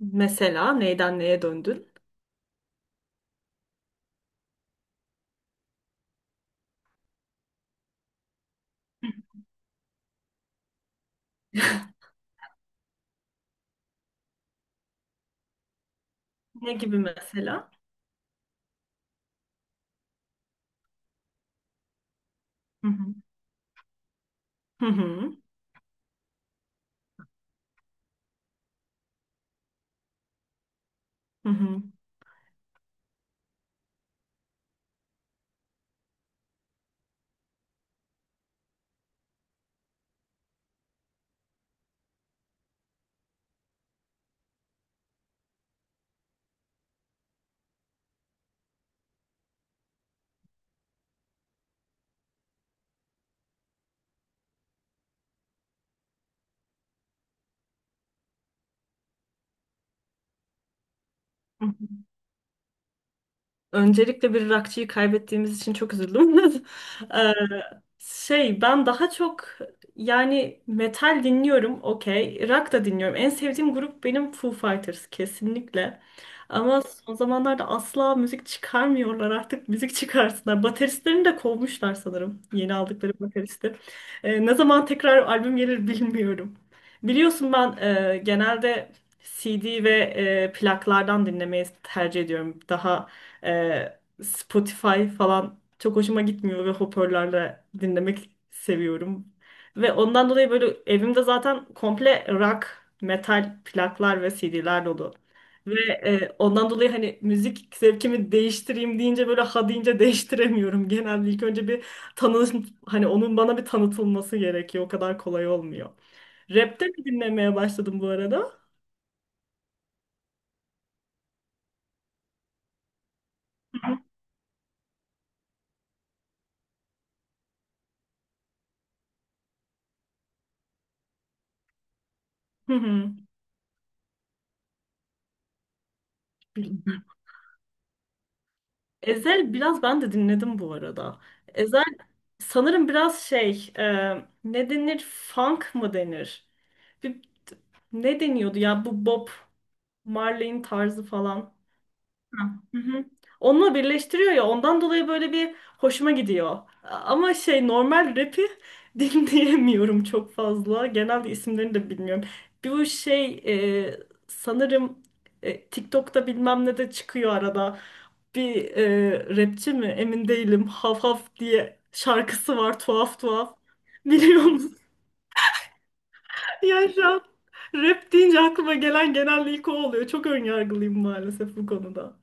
Mesela neyden neye döndün? Ne gibi mesela? Hı hı. Hı hı. Hı hı. Öncelikle bir rockçıyı kaybettiğimiz için çok üzüldüm. Ee, ben daha çok yani metal dinliyorum, okey. Rock da dinliyorum. En sevdiğim grup benim Foo Fighters kesinlikle. Ama son zamanlarda asla müzik çıkarmıyorlar, artık müzik çıkarsınlar. Bateristlerini de kovmuşlar sanırım, yeni aldıkları bateristi. Ne zaman tekrar albüm gelir bilmiyorum. Biliyorsun ben genelde CD ve plaklardan dinlemeyi tercih ediyorum. Daha Spotify falan çok hoşuma gitmiyor ve hoparlörle dinlemek seviyorum. Ve ondan dolayı böyle evimde zaten komple rock, metal plaklar ve CD'ler dolu. Ve ondan dolayı hani müzik zevkimi değiştireyim deyince, böyle ha deyince, değiştiremiyorum. Genelde ilk önce bir tanı, hani onun bana bir tanıtılması gerekiyor. O kadar kolay olmuyor. Rap de mi dinlemeye başladım bu arada? Hı hı. Ezel biraz ben de dinledim bu arada. Ezel sanırım biraz ne denir, funk mı denir? Bir, ne deniyordu ya bu Bob Marley'in tarzı falan. Hı hı. Onunla birleştiriyor ya, ondan dolayı böyle bir hoşuma gidiyor. Ama şey, normal rap'i dinleyemiyorum çok fazla. Genelde isimlerini de bilmiyorum. Bir bu şey e, sanırım e, TikTok'ta bilmem ne de çıkıyor arada. Bir rapçi mi emin değilim. Haf Haf diye şarkısı var, tuhaf tuhaf. Biliyor musun? Ya şu an rap deyince aklıma gelen genelde ilk o oluyor. Çok önyargılıyım maalesef bu konuda.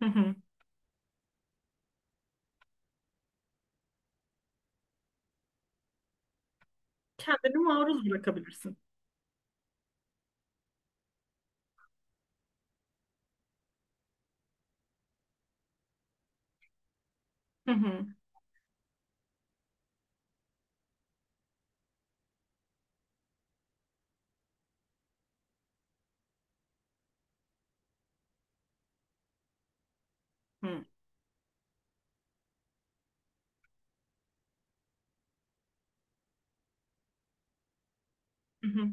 Hı hı. Kendini maruz bırakabilirsin. Hı hı, hı, hı hı.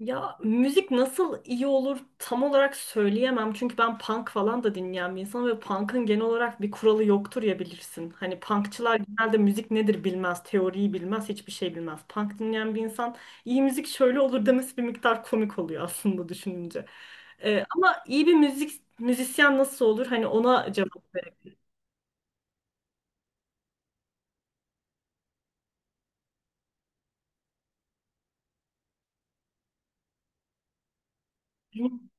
Ya müzik nasıl iyi olur tam olarak söyleyemem. Çünkü ben punk falan da dinleyen bir insanım ve punk'ın genel olarak bir kuralı yoktur ya, bilirsin. Hani punkçılar genelde müzik nedir bilmez, teoriyi bilmez, hiçbir şey bilmez. Punk dinleyen bir insan iyi müzik şöyle olur demesi bir miktar komik oluyor aslında düşününce. Ama iyi bir müzik müzisyen nasıl olur? Hani ona cevap verebilirim.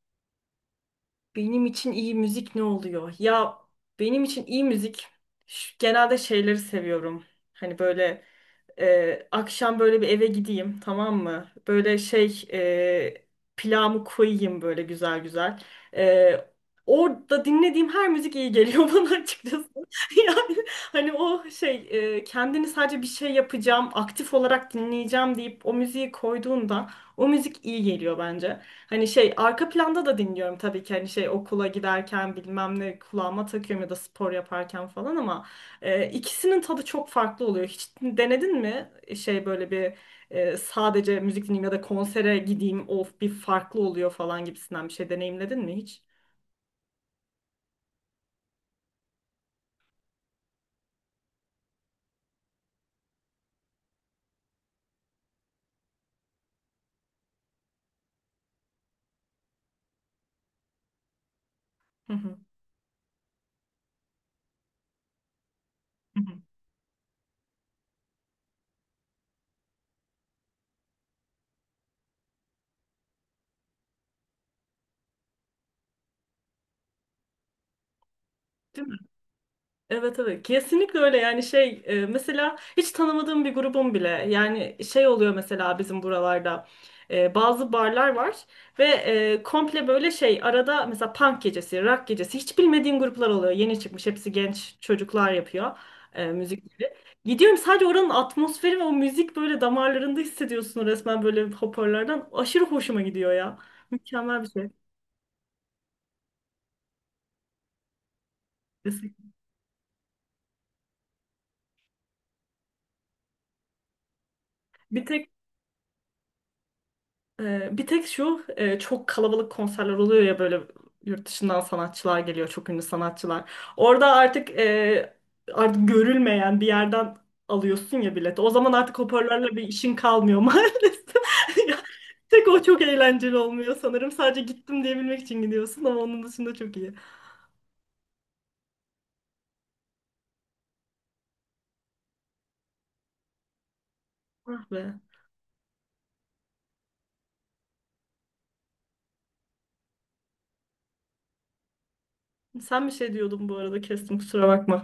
Benim için iyi müzik ne oluyor? Ya benim için iyi müzik genelde şeyleri seviyorum. Hani böyle akşam böyle bir eve gideyim, tamam mı? Pilavımı koyayım böyle güzel güzel. Ee, Orada dinlediğim her müzik iyi geliyor bana açıkçası. Yani hani kendini sadece bir şey yapacağım, aktif olarak dinleyeceğim deyip o müziği koyduğunda o müzik iyi geliyor bence. Hani şey, arka planda da dinliyorum tabii ki, hani şey, okula giderken bilmem ne kulağıma takıyorum ya da spor yaparken falan, ama ikisinin tadı çok farklı oluyor. Hiç denedin mi? Şey, böyle bir sadece müzik dinleyeyim ya da konsere gideyim, of, bir farklı oluyor falan gibisinden bir şey deneyimledin mi hiç? Hı hı. Hı hı. Değil mi? Evet evet, kesinlikle öyle yani. Mesela hiç tanımadığım bir grubum bile, yani şey oluyor, mesela bizim buralarda bazı barlar var ve komple böyle şey arada mesela punk gecesi, rock gecesi, hiç bilmediğim gruplar oluyor, yeni çıkmış, hepsi genç çocuklar yapıyor müzikleri, gidiyorum sadece oranın atmosferi ve o müzik böyle damarlarında hissediyorsun resmen, böyle hoparlardan, aşırı hoşuma gidiyor ya, mükemmel bir şey. Bir tek bir tek şu çok kalabalık konserler oluyor ya, böyle yurt dışından sanatçılar geliyor, çok ünlü sanatçılar. Orada artık artık görülmeyen bir yerden alıyorsun ya bileti. O zaman artık hoparlörle bir işin kalmıyor maalesef. Ya, tek o çok eğlenceli olmuyor sanırım. Sadece gittim diyebilmek için gidiyorsun, ama onun dışında çok iyi. Ah be. Sen bir şey diyordun bu arada, kestim, kusura bakma.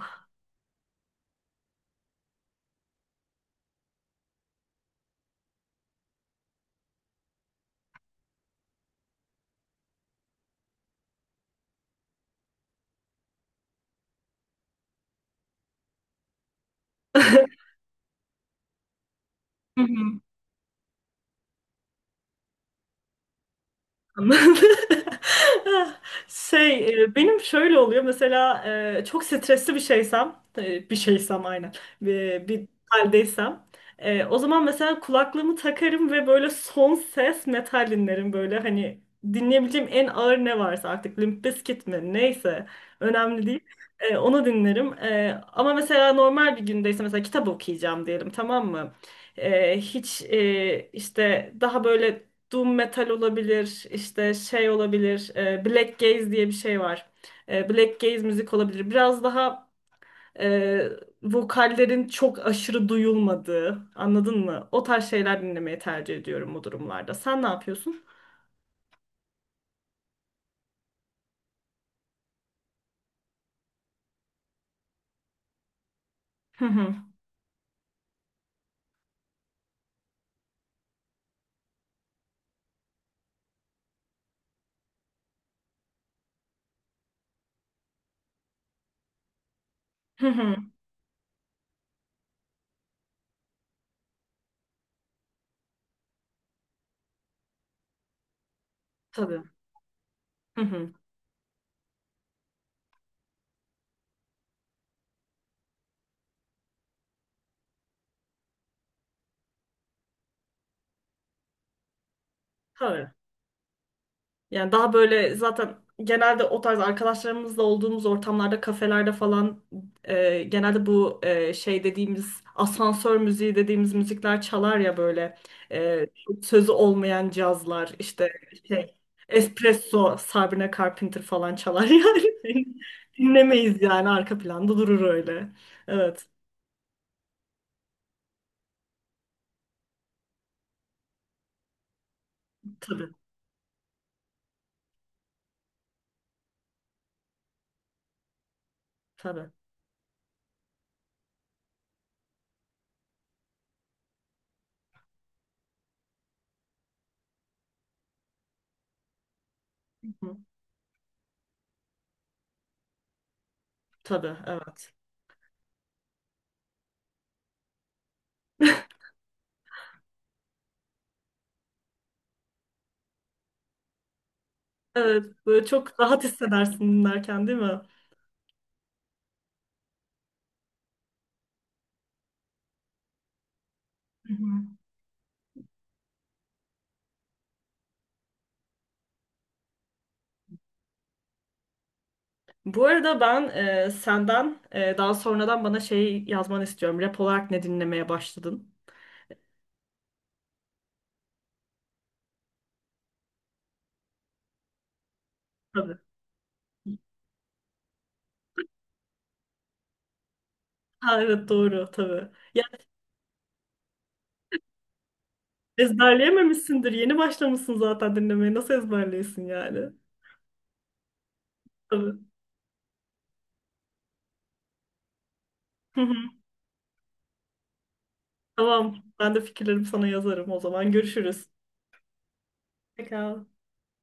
Anladım. Şey, benim şöyle oluyor mesela, çok stresli bir şeysem, bir şeysem, aynen, bir haldeysem, o zaman mesela kulaklığımı takarım ve böyle son ses metal dinlerim, böyle hani dinleyebileceğim en ağır ne varsa artık, Limp Bizkit mi neyse, önemli değil. E, onu dinlerim. Ama mesela normal bir gündeyse, mesela kitap okuyacağım diyelim, tamam mı? İşte daha böyle Doom metal olabilir, işte şey olabilir, Black Gaze diye bir şey var. Black Gaze müzik olabilir. Biraz daha e, vokallerin çok aşırı duyulmadığı, anladın mı? O tarz şeyler dinlemeyi tercih ediyorum bu durumlarda. Sen ne yapıyorsun? Hı hı. Hı hı. Tabii. Hı hı. Tabii. Yani daha böyle zaten genelde o tarz arkadaşlarımızla olduğumuz ortamlarda, kafelerde falan genelde bu şey dediğimiz, asansör müziği dediğimiz müzikler çalar ya böyle e, sözü olmayan cazlar işte, şey espresso, Sabrina Carpenter falan çalar yani. Dinlemeyiz yani, arka planda durur öyle. Evet, tabii tabii. Hı, tabii evet. Evet böyle çok rahat hissedersin dinlerken değil mi? Hı hı. Bu arada ben senden daha sonradan bana şey yazmanı istiyorum. Rap olarak ne dinlemeye başladın? Tabii. Ha, evet doğru tabii. Yani ezberleyememişsindir. Yeni başlamışsın zaten dinlemeye. Nasıl ezberliyorsun yani? Tabii. Hı hı. Tamam. Ben de fikirlerimi sana yazarım o zaman. Görüşürüz. Pekala.